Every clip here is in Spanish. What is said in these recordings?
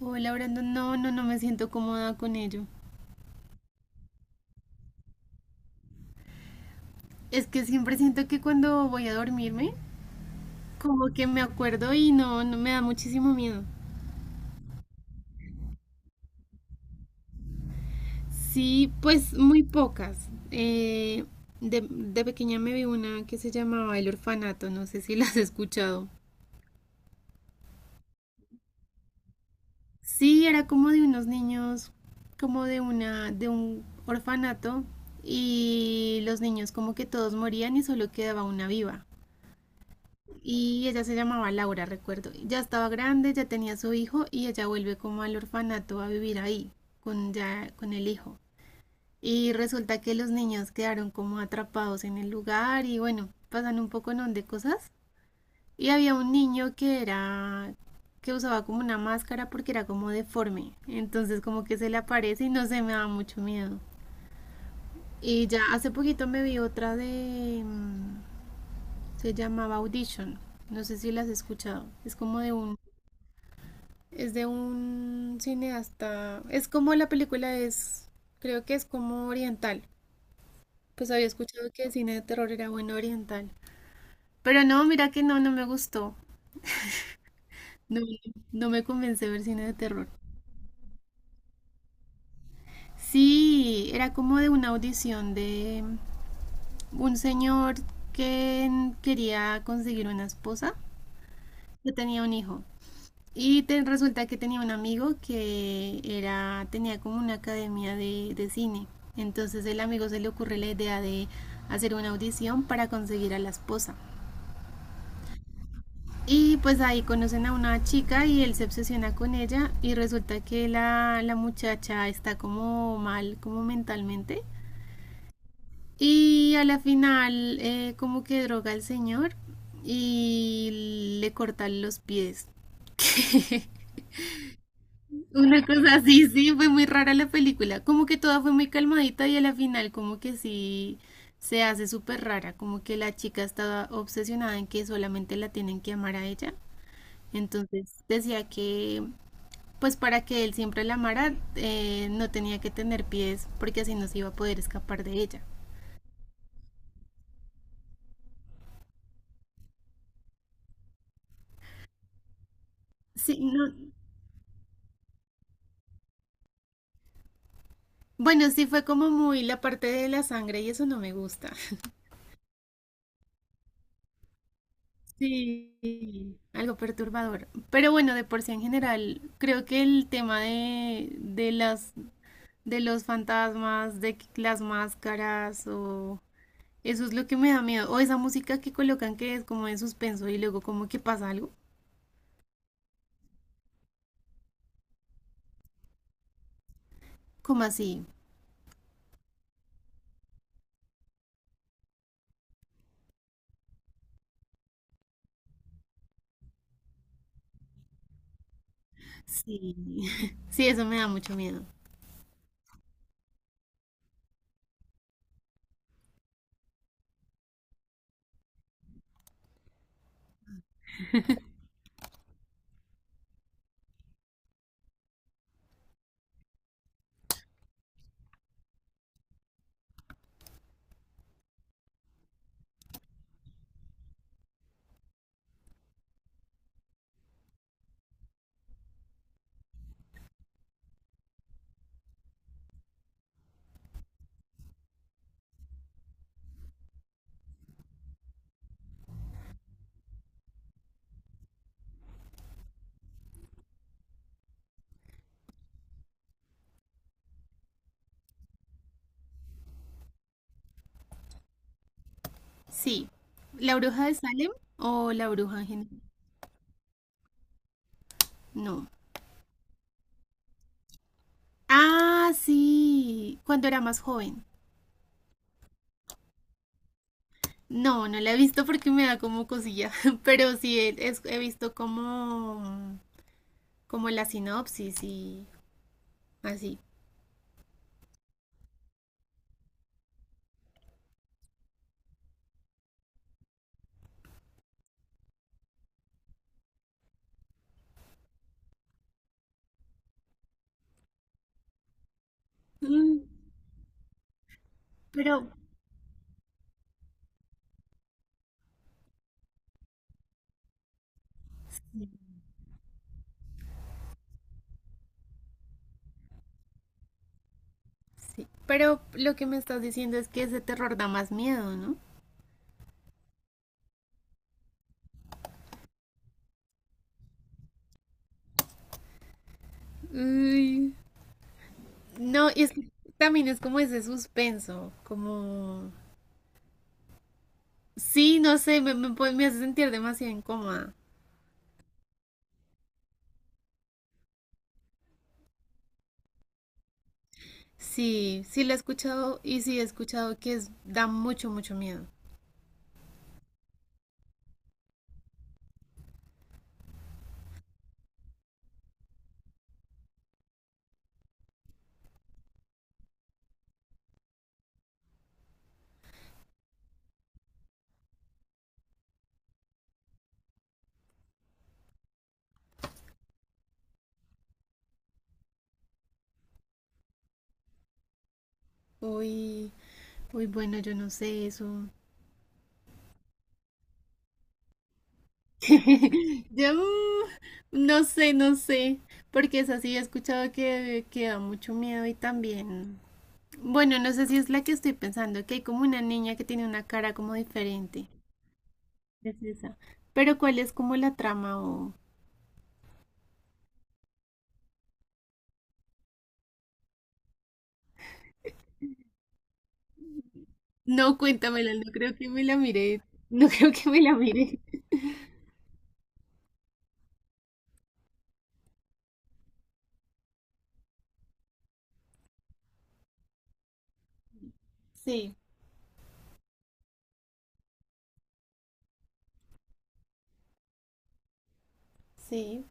Hola, Brandon. No, no, no me siento cómoda con ello. Es que siempre siento que cuando voy a dormirme, como que me acuerdo y no, no me da muchísimo miedo. Sí, pues muy pocas. De pequeña me vi una que se llamaba El Orfanato, no sé si la has escuchado. Sí, era como de unos niños, como de un orfanato y los niños como que todos morían y solo quedaba una viva. Y ella se llamaba Laura, recuerdo. Ya estaba grande, ya tenía su hijo y ella vuelve como al orfanato a vivir ahí, ya, con el hijo. Y resulta que los niños quedaron como atrapados en el lugar y bueno, pasan un poco non de cosas. Y había un niño que era que usaba como una máscara porque era como deforme. Entonces como que se le aparece y no se me da mucho miedo. Y ya hace poquito me vi otra se llamaba Audition. No sé si la has escuchado. Es de un cineasta. Es como la película es, creo que es como oriental. Pues había escuchado que el cine de terror era bueno oriental. Pero no, mira que no, no me gustó. No, no me convence ver cine de terror. Sí, era como de una audición de un señor que quería conseguir una esposa, que tenía un hijo. Y resulta que tenía un amigo tenía como una academia de cine. Entonces el amigo se le ocurre la idea de hacer una audición para conseguir a la esposa. Y pues ahí conocen a una chica y él se obsesiona con ella y resulta que la muchacha está como mal, como mentalmente. Y a la final como que droga al señor y le corta los pies. Una cosa así, sí, fue muy rara la película. Como que toda fue muy calmadita y a la final como que sí se hace súper rara, como que la chica estaba obsesionada en que solamente la tienen que amar a ella. Entonces decía que pues para que él siempre la amara no tenía que tener pies porque así no se iba a poder escapar de ella. Sí, no. Bueno, sí fue como muy la parte de la sangre y eso no me gusta. Sí, algo perturbador. Pero bueno, de por sí en general, creo que el tema de los fantasmas, de que las máscaras, o eso es lo que me da miedo. O esa música que colocan que es como de suspenso y luego como que pasa algo. Como así. Sí. Sí, eso me da mucho miedo. Sí. ¿La bruja de Salem o la bruja en general? No. Ah, sí. Cuando era más joven. No, no la he visto porque me da como cosilla, pero he visto como la sinopsis y así. Mm. Pero, sí. Pero lo que me estás diciendo es que ese terror da más miedo, ¿no? Ay, no, y es que también es como ese suspenso, como Sí, no sé, me hace sentir demasiado incómoda. Sí, sí la he escuchado y sí he escuchado que es, da mucho, mucho miedo. Uy, uy, bueno, yo no sé eso. Yo no sé, no sé, porque es así, he escuchado que da mucho miedo y también, bueno, no sé si es la que estoy pensando, que hay como una niña que tiene una cara como diferente, es esa, pero ¿cuál es como la trama o? No, cuéntamela, no creo que me la miré, no creo que me la miré. Sí, sí.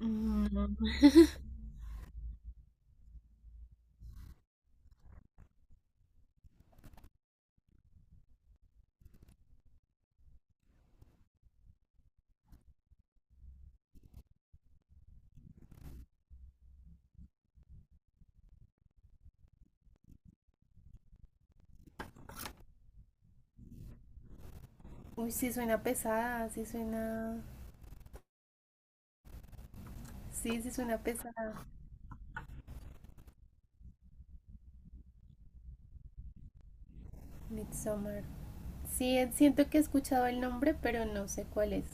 Mm, Uy, sí suena pesada, sí suena, sí, sí suena pesada. Midsommar. Sí, siento que he escuchado el nombre, pero no sé cuál es.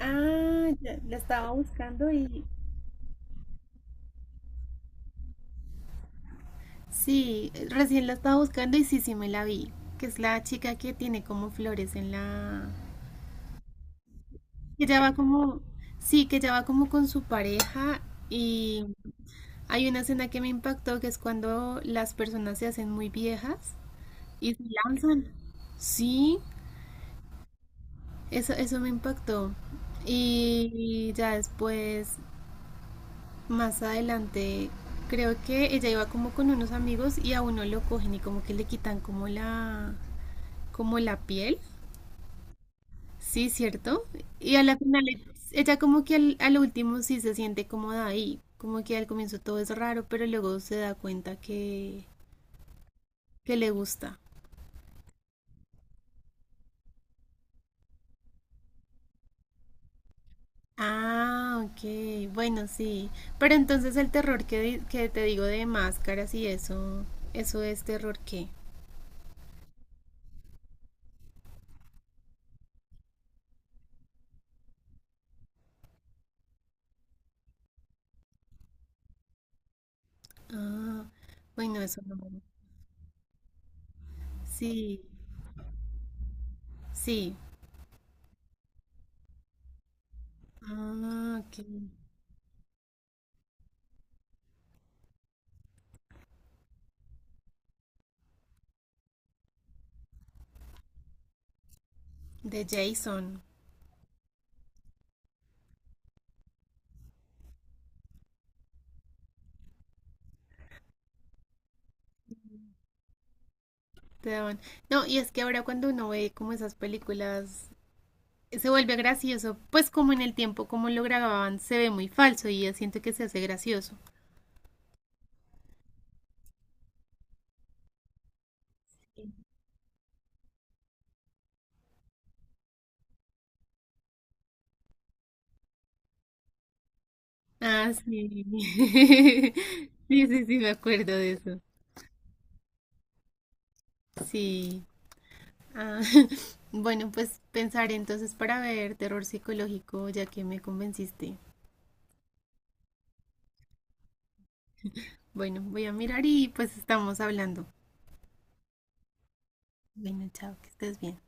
Ah, ya, la estaba buscando y. Sí, recién la estaba buscando y sí, sí me la vi. Que es la chica que tiene como flores en la. Que ya va como. Sí, que ya va como con su pareja y hay una escena que me impactó que es cuando las personas se hacen muy viejas y se lanzan. Sí, eso me impactó. Y ya después. Más adelante, creo que ella iba como con unos amigos y a uno lo cogen y como que le quitan como la piel. Sí, cierto. Y a la final, ella como que al último sí se siente cómoda ahí. Como que al comienzo todo es raro, pero luego se da cuenta que le gusta. Ah, ok. Bueno, sí. Pero entonces el terror que te digo de máscaras y eso es terror qué. Ah, bueno, eso no. Sí, sí. Ah, ok. De Jason. Te Dawn. No, y es que ahora cuando uno ve como esas películas, se vuelve gracioso, pues como en el tiempo, como lo grababan, se ve muy falso y ya siento que se hace gracioso. Ah, sí. Sí, sí, sí, me acuerdo de eso. Sí. Ah, bueno, pues pensaré entonces para ver terror psicológico, ya que me convenciste. Bueno, voy a mirar y pues estamos hablando. Bueno, chao, que estés bien.